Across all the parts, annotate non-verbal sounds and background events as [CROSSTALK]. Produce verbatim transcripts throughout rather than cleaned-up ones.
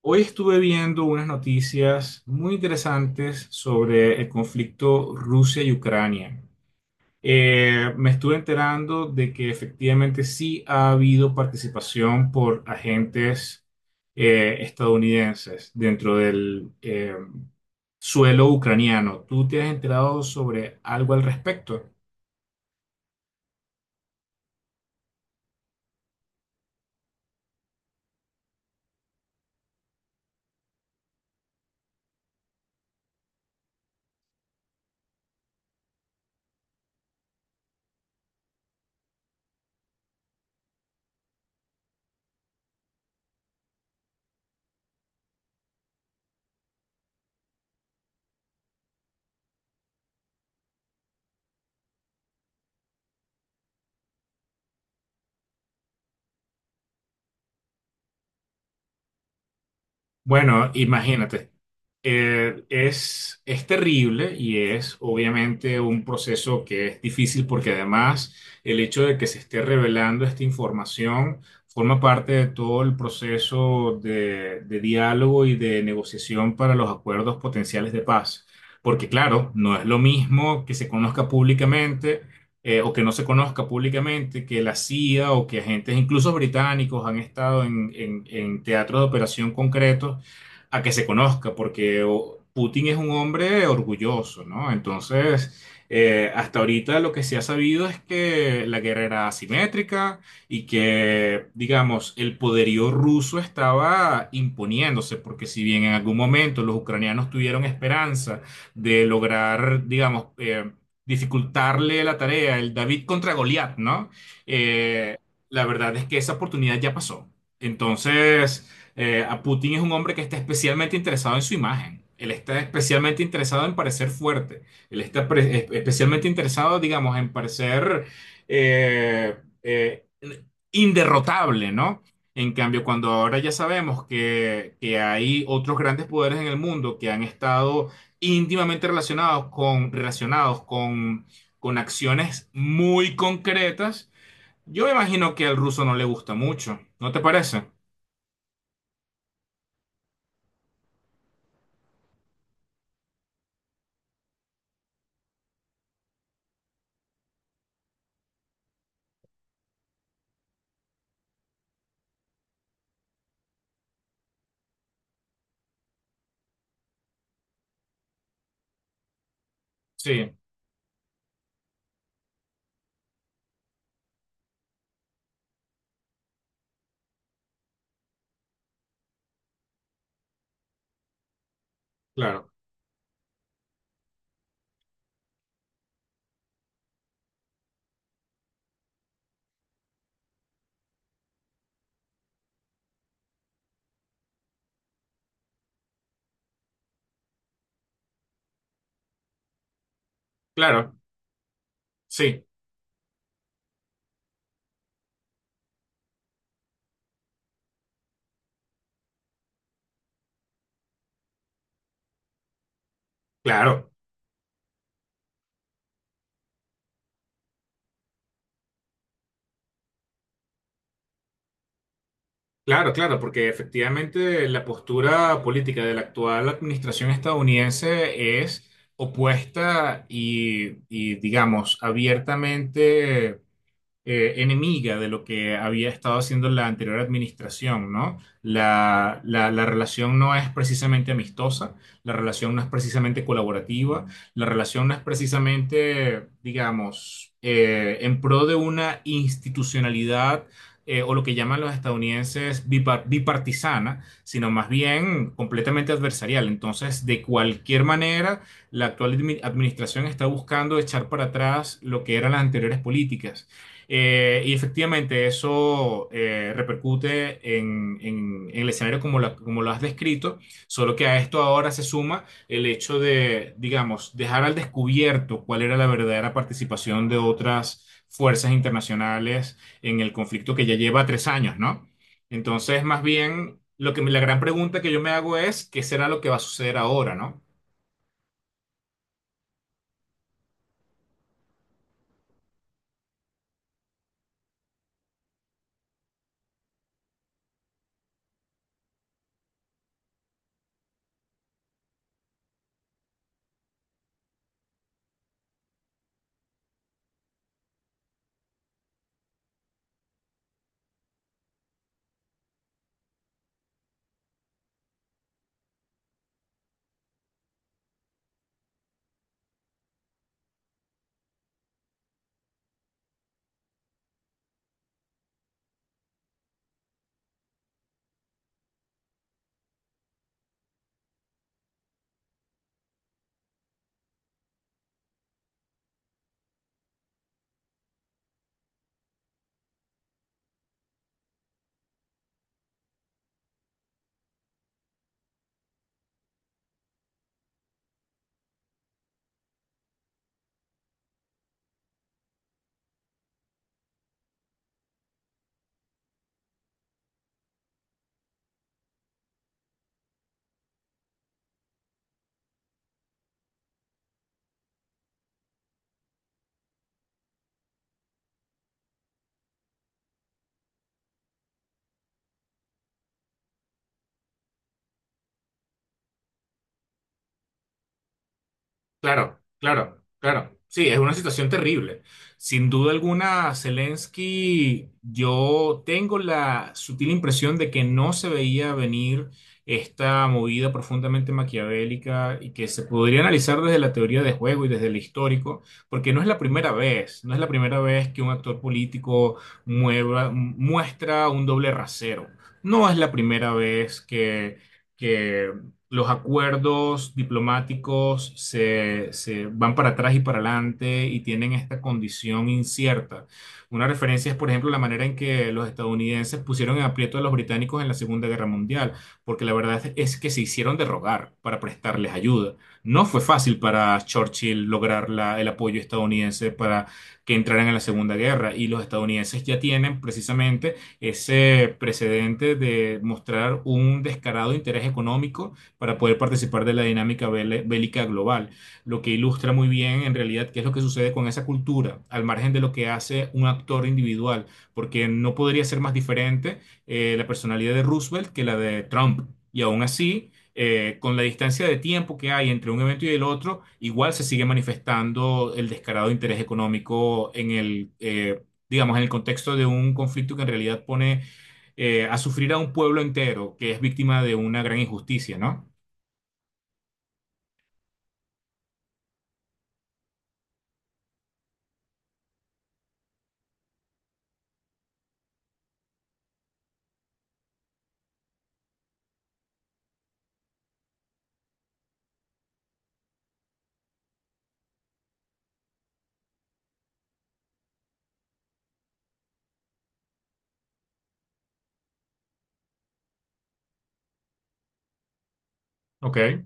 Hoy estuve viendo unas noticias muy interesantes sobre el conflicto Rusia y Ucrania. Eh, me estuve enterando de que efectivamente sí ha habido participación por agentes eh, estadounidenses dentro del eh, suelo ucraniano. ¿Tú te has enterado sobre algo al respecto? Bueno, imagínate, eh, es, es terrible y es obviamente un proceso que es difícil porque además el hecho de que se esté revelando esta información forma parte de todo el proceso de, de diálogo y de negociación para los acuerdos potenciales de paz. Porque claro, no es lo mismo que se conozca públicamente eh, o que no se conozca públicamente, que la C I A o que agentes, incluso británicos, han estado en, en- en teatros de operación concretos a que se conozca, porque o, Putin es un hombre orgulloso, ¿no? Entonces, eh, hasta ahorita lo que se ha sabido es que la guerra era asimétrica y que, digamos, el poderío ruso estaba imponiéndose, porque si bien en algún momento los ucranianos tuvieron esperanza, de lograr, digamos, eh, dificultarle la tarea, el David contra Goliat, ¿no? Eh, la verdad es que esa oportunidad ya pasó. Entonces, eh, a Putin es un hombre que está especialmente interesado en su imagen. Él está especialmente interesado en parecer fuerte. Él está pre- es- especialmente interesado, digamos, en parecer eh, eh, inderrotable, ¿no? En cambio, cuando ahora ya sabemos que, que hay otros grandes poderes en el mundo que han estado íntimamente relacionados con, relacionados con, con acciones muy concretas, yo me imagino que al ruso no le gusta mucho, ¿no te parece? Sí, claro, claro, sí, claro, claro, claro, porque efectivamente la postura política de la actual administración estadounidense es opuesta y, y digamos, abiertamente eh, enemiga de lo que había estado haciendo la anterior administración, ¿no? La, la- la relación no es precisamente amistosa, la relación no es precisamente colaborativa, la relación no es precisamente, digamos, eh, en pro de una institucionalidad. Eh, o lo que llaman los estadounidenses bipa- bipartisana, sino más bien completamente adversarial. Entonces, de cualquier manera, la actual admi- administración está buscando echar para atrás lo que eran las anteriores políticas eh, y efectivamente eso eh, repercute en, en- en el escenario como, la- como lo has descrito, solo que a esto ahora se suma el hecho de, digamos, dejar al descubierto cuál era la verdadera participación de otras fuerzas internacionales en el conflicto que ya lleva tres años, ¿no? Entonces, más bien, lo que, la gran pregunta que yo me hago es, ¿qué será lo que va a suceder ahora, ¿no? Claro, claro, claro. Sí, es una situación terrible. Sin duda alguna, Zelensky, yo tengo la sutil impresión de que no se veía venir esta movida profundamente maquiavélica y que se podría analizar desde la teoría de juego y desde el histórico, porque no es la primera vez, no es la primera vez que un actor político mueva, muestra un doble rasero. No es la primera vez que... que los acuerdos diplomáticos se, se van para atrás y para adelante y tienen esta condición incierta. Una referencia es, por ejemplo, la manera en que los estadounidenses pusieron en aprieto a los británicos en la Segunda Guerra Mundial, porque la verdad es que se hicieron de rogar para prestarles ayuda. No fue fácil para Churchill lograr la- el apoyo estadounidense para que entraran en la Segunda Guerra y los estadounidenses ya tienen precisamente ese precedente de mostrar un descarado interés económico para poder participar de la dinámica bele- bélica global, lo que ilustra muy bien en realidad qué es lo que sucede con esa cultura, al margen de lo que hace un actor individual, porque no podría ser más diferente eh, la personalidad de Roosevelt que la de Trump. Y aún así, eh, con la distancia de tiempo que hay entre un evento y el otro, igual se sigue manifestando el descarado interés económico en el, eh, digamos, en el contexto de un conflicto que en realidad pone eh, a sufrir a un pueblo entero que es víctima de una gran injusticia, ¿no? Ok.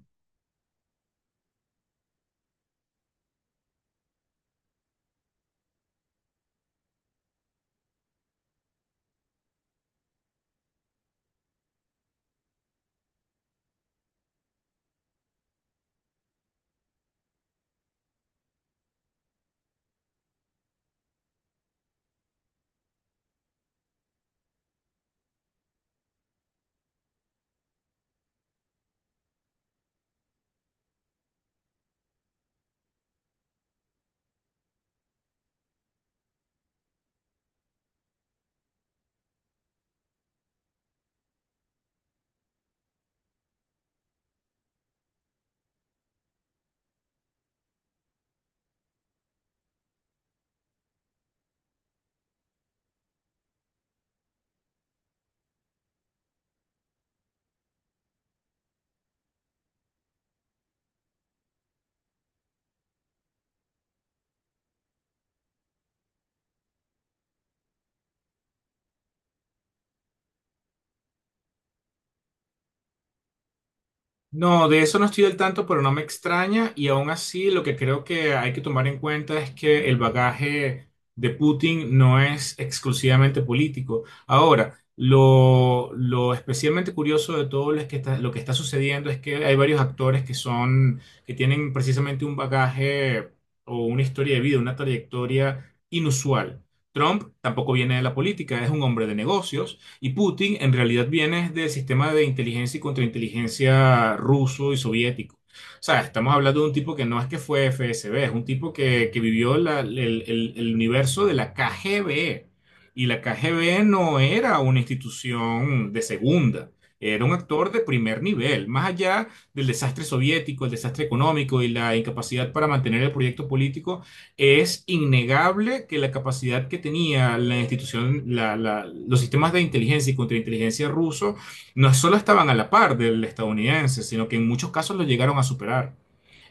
No, de eso no estoy del tanto, pero no me extraña. Y aún así, lo que creo que hay que tomar en cuenta es que el bagaje de Putin no es exclusivamente político. Ahora, lo, lo especialmente curioso de todo lo que está, lo que está sucediendo es que hay varios actores que son, que tienen precisamente un bagaje o una historia de vida, una trayectoria inusual. Trump tampoco viene de la política, es un hombre de negocios. Y Putin en realidad viene del sistema de inteligencia y contrainteligencia ruso y soviético. O sea, estamos hablando de un tipo que no es que fue F S B, es un tipo que, que vivió la- el, el- el universo de la K G B. Y la K G B no era una institución de segunda, era un actor de primer nivel, más allá del desastre soviético, el desastre económico y la incapacidad para mantener el proyecto político. Es innegable que la capacidad que tenía la institución, la- la- los sistemas de inteligencia y contrainteligencia ruso, no solo estaban a la par del estadounidense, sino que en muchos casos lo llegaron a superar.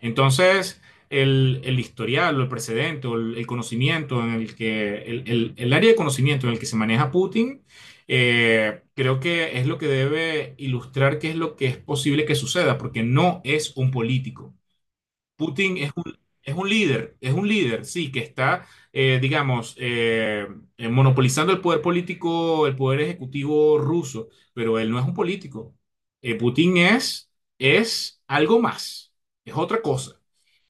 Entonces, el, el historial, o el precedente, o el, el conocimiento en el que, el, el- el área de conocimiento en el que se maneja Putin, eh, creo que es lo que debe ilustrar qué es lo que es posible que suceda, porque no es un político. Putin es un, es un líder, es un líder, sí, que está, eh, digamos, eh, eh, monopolizando el poder político, el poder ejecutivo ruso, pero él no es un político. Eh, Putin es, es algo más, es otra cosa.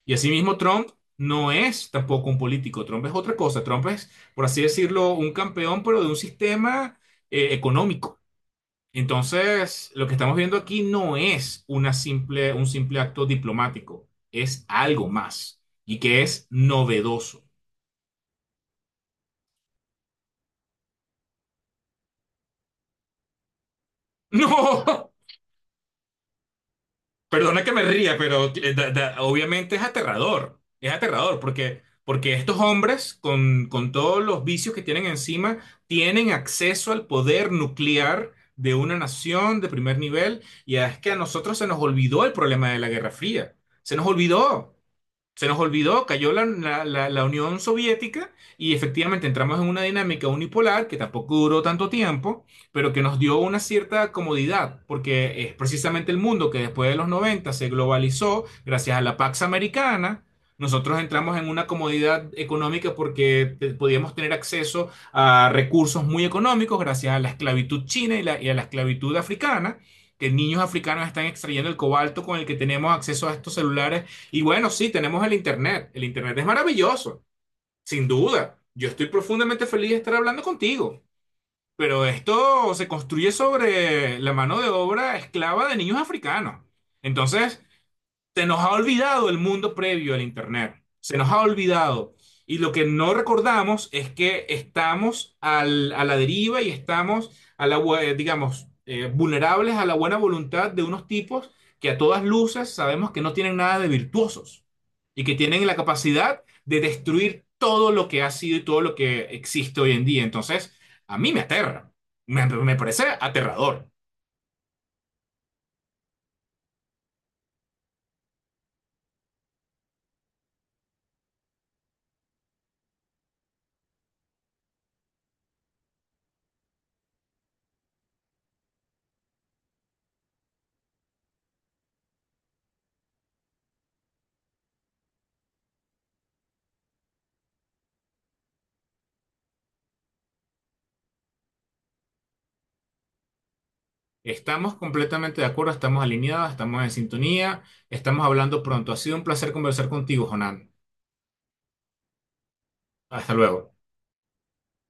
Y asimismo Trump no es tampoco un político, Trump es otra cosa, Trump es, por así decirlo, un campeón, pero de un sistema, eh, económico. Entonces, lo que estamos viendo aquí no es una simple, un simple acto diplomático, es algo más y que es novedoso. [LAUGHS] No, perdona que me ría, pero eh, da- da- obviamente es aterrador, es aterrador porque, porque estos hombres con, con todos los vicios que tienen encima tienen acceso al poder nuclear de una nación de primer nivel y es que a nosotros se nos olvidó el problema de la Guerra Fría, se nos olvidó. Se nos olvidó, cayó la, la- la- la Unión Soviética y efectivamente entramos en una dinámica unipolar que tampoco duró tanto tiempo, pero que nos dio una cierta comodidad, porque es precisamente el mundo que después de los noventa se globalizó gracias a la Pax Americana. Nosotros entramos en una comodidad económica porque te- podíamos tener acceso a recursos muy económicos gracias a la esclavitud china y, la- y a la esclavitud africana, que niños africanos están extrayendo el cobalto con el que tenemos acceso a estos celulares y bueno, sí, tenemos el Internet. El Internet es maravilloso, sin duda. Yo estoy profundamente feliz de estar hablando contigo, pero esto se construye sobre la mano de obra esclava de niños africanos. Entonces, se nos ha olvidado el mundo previo al Internet. Se nos ha olvidado. Y lo que no recordamos es que estamos al- a la deriva y estamos, a la, bu- eh, digamos, eh, vulnerables a la buena voluntad de unos tipos que a todas luces sabemos que no tienen nada de virtuosos y que tienen la capacidad de destruir todo lo que ha sido y todo lo que existe hoy en día. Entonces, a mí me aterra. me me parece aterrador. Estamos completamente de acuerdo, estamos alineados, estamos en sintonía, estamos hablando pronto. Ha sido un placer conversar contigo, Jonan. Hasta luego.